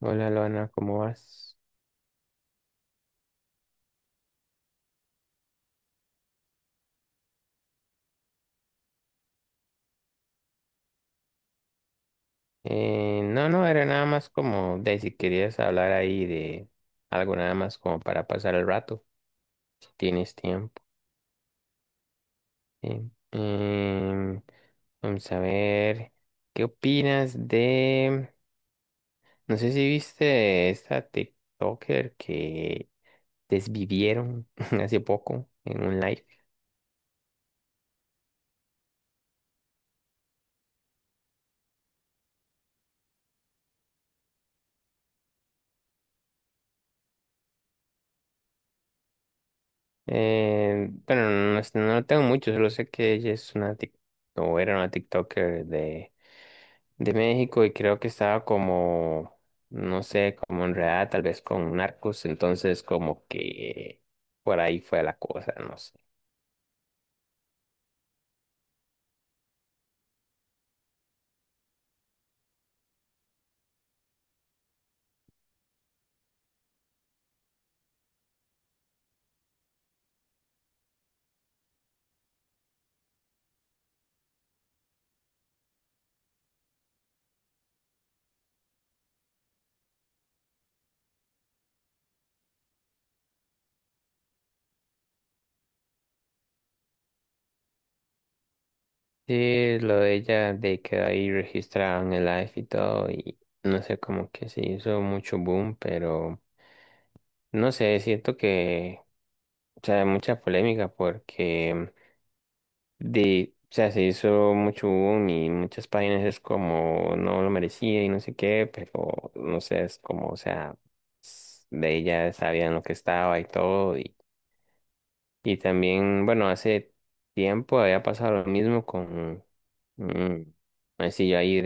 Hola, Luana, ¿cómo vas? No, no, era nada más como de si querías hablar ahí de algo nada más como para pasar el rato, si tienes tiempo. ¿Sí? Em, Vamos a ver, ¿qué opinas de... No sé si viste esta TikToker que desvivieron hace poco en un live. Bueno, no, no tengo mucho, solo sé que ella es una o era una TikToker de México y creo que estaba como, no sé, como enredada tal vez con narcos, entonces como que por ahí fue la cosa, no sé. Sí, lo de ella, de que ahí registraban el live y todo, y no sé, como que se hizo mucho boom, pero no sé, siento que, o sea, hay mucha polémica porque... de, o sea, se hizo mucho boom y muchas páginas es como no lo merecía y no sé qué, pero no sé, es como, o sea, de ella sabían lo que estaba y todo. Y también, bueno, hace tiempo había pasado lo mismo con un sencillo ahí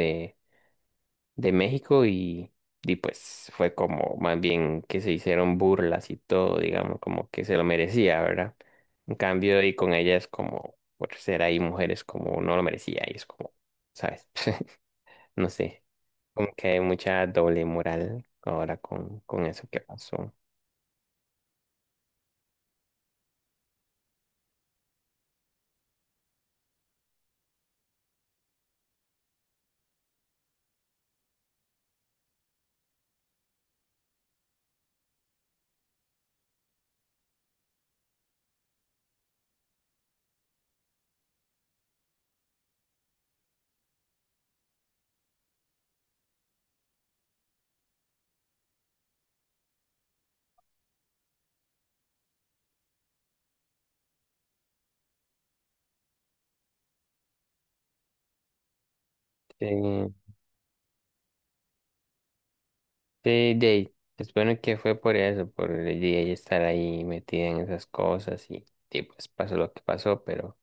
de México y pues fue como más bien que se hicieron burlas y todo, digamos, como que se lo merecía, ¿verdad? En cambio, y con ellas como, por ser ahí mujeres como no lo merecía, y es como, ¿sabes? No sé, como que hay mucha doble moral ahora con eso que pasó. Sí, sí, de ahí, se supone que fue por eso, por el día y estar ahí metida en esas cosas y pues pasó lo que pasó, pero...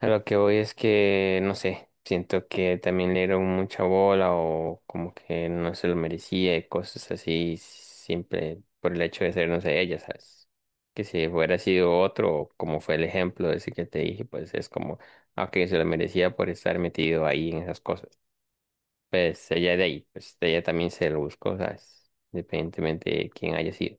A lo que voy es que, no sé, siento que también le dieron mucha bola o como que no se lo merecía y cosas así, siempre por el hecho de ser, no sé, ella, ¿sabes? Que si hubiera sido otro, como fue el ejemplo ese que te dije, pues es como, aunque se lo merecía por estar metido ahí en esas cosas. Pues ella de ahí, pues ella también se lo buscó, ¿sabes? Independientemente de quién haya sido.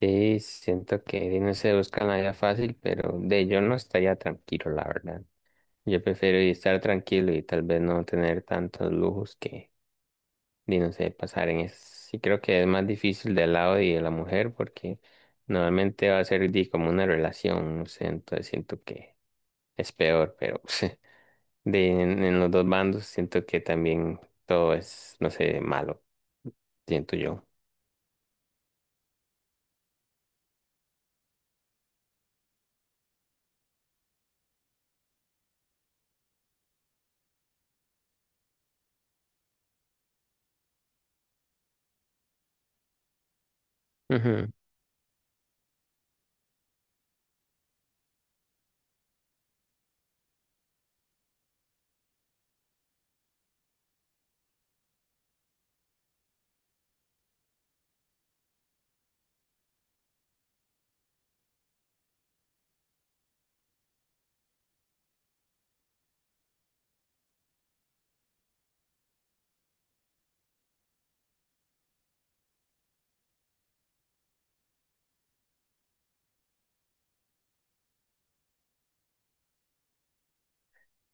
Sí, siento que no se buscan la vida fácil, pero de yo no estaría tranquilo, la verdad. Yo prefiero y estar tranquilo y tal vez no tener tantos lujos que, ni no sé, pasar en eso. Sí creo que es más difícil del lado y de la mujer porque normalmente va a ser di, como una relación, no sé, entonces siento que es peor, pero de, en los dos bandos siento que también todo es, no sé, malo, siento yo.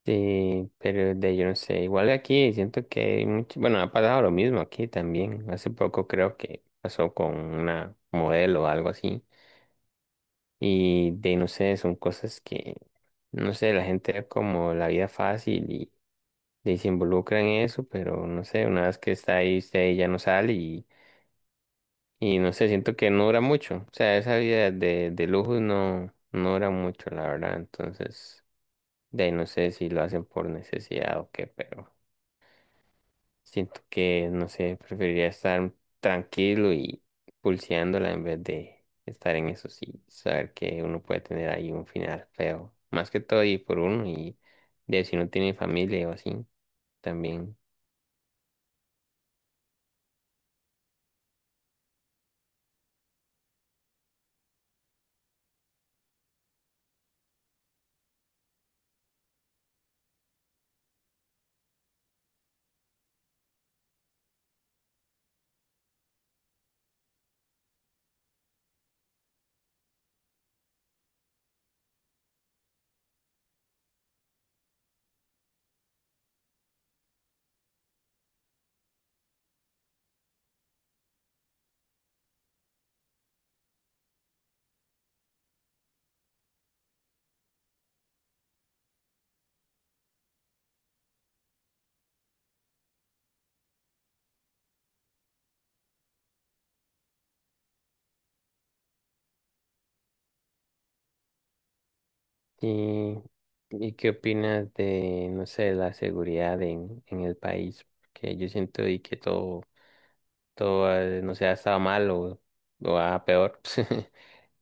Sí, pero de yo no sé, igual aquí siento que hay mucho, bueno, ha pasado lo mismo aquí también. Hace poco creo que pasó con una modelo o algo así. Y de no sé, son cosas que, no sé, la gente ve como la vida fácil y se involucra en eso, pero no sé, una vez que está ahí, usted ya no sale y no sé, siento que no dura mucho. O sea, esa vida de lujos no, no dura mucho, la verdad. Entonces, de ahí no sé si lo hacen por necesidad o qué, pero. Siento que, no sé, preferiría estar tranquilo y pulseándola en vez de estar en eso, sí, saber que uno puede tener ahí un final feo, más que todo y por uno y de si no tiene familia o así, también. ¿Y, y qué opinas de, no sé, la seguridad en el país? Porque yo siento y que todo todo, no sé, ha estado mal o a peor.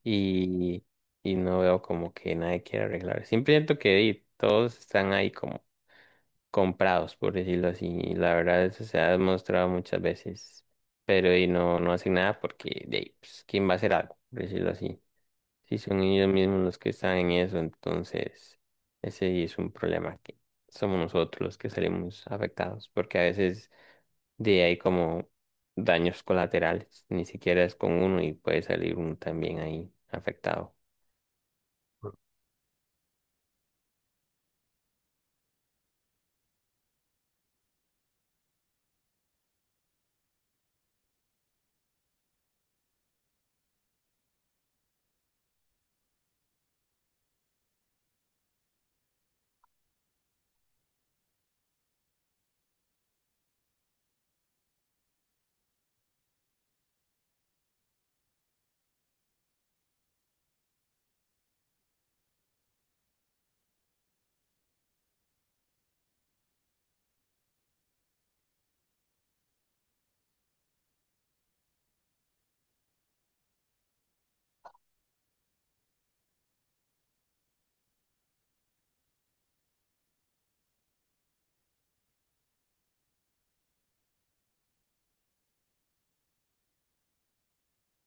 Y, y no veo como que nadie quiera arreglar. Siempre siento que y, todos están ahí como comprados, por decirlo así. Y la verdad, eso se ha demostrado muchas veces. Pero y no, no hacen nada porque, de, ahí, pues, ¿quién va a hacer algo? Por decirlo así. Si son ellos mismos los que están en eso, entonces ese sí es un problema que somos nosotros los que salimos afectados. Porque a veces de ahí como daños colaterales, ni siquiera es con uno y puede salir uno también ahí afectado.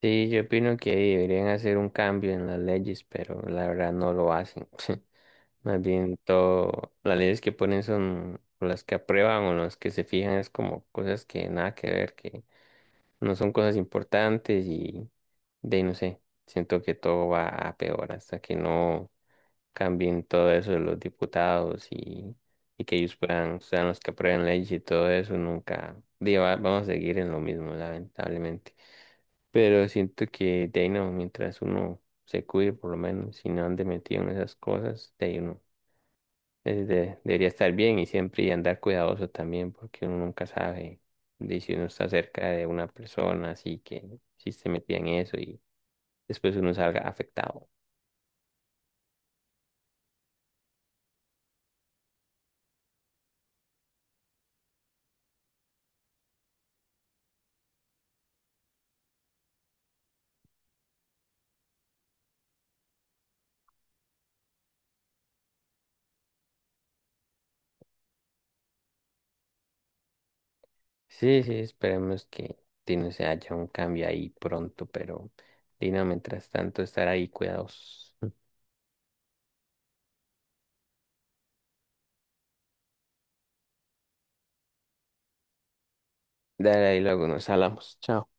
Sí, yo opino que ahí deberían hacer un cambio en las leyes, pero la verdad no lo hacen. Más bien todo, las leyes que ponen son o las que aprueban o las que se fijan es como cosas que nada que ver, que no son cosas importantes y de ahí no sé, siento que todo va a peor hasta que no cambien todo eso de los diputados y que ellos puedan, sean los que aprueben leyes y todo eso, nunca, digo, vamos a seguir en lo mismo, lamentablemente. Pero siento que de ahí no, mientras uno se cuide por lo menos y no ande metido en esas cosas, de ahí uno debería estar bien y siempre y andar cuidadoso también, porque uno nunca sabe de si uno está cerca de una persona, así que si se metía en eso y después uno salga afectado. Sí, sí, esperemos que sí, no se haya un cambio ahí pronto, pero Dino, mientras tanto, estar ahí cuidadosos. Dale ahí, luego nos hablamos. Chao.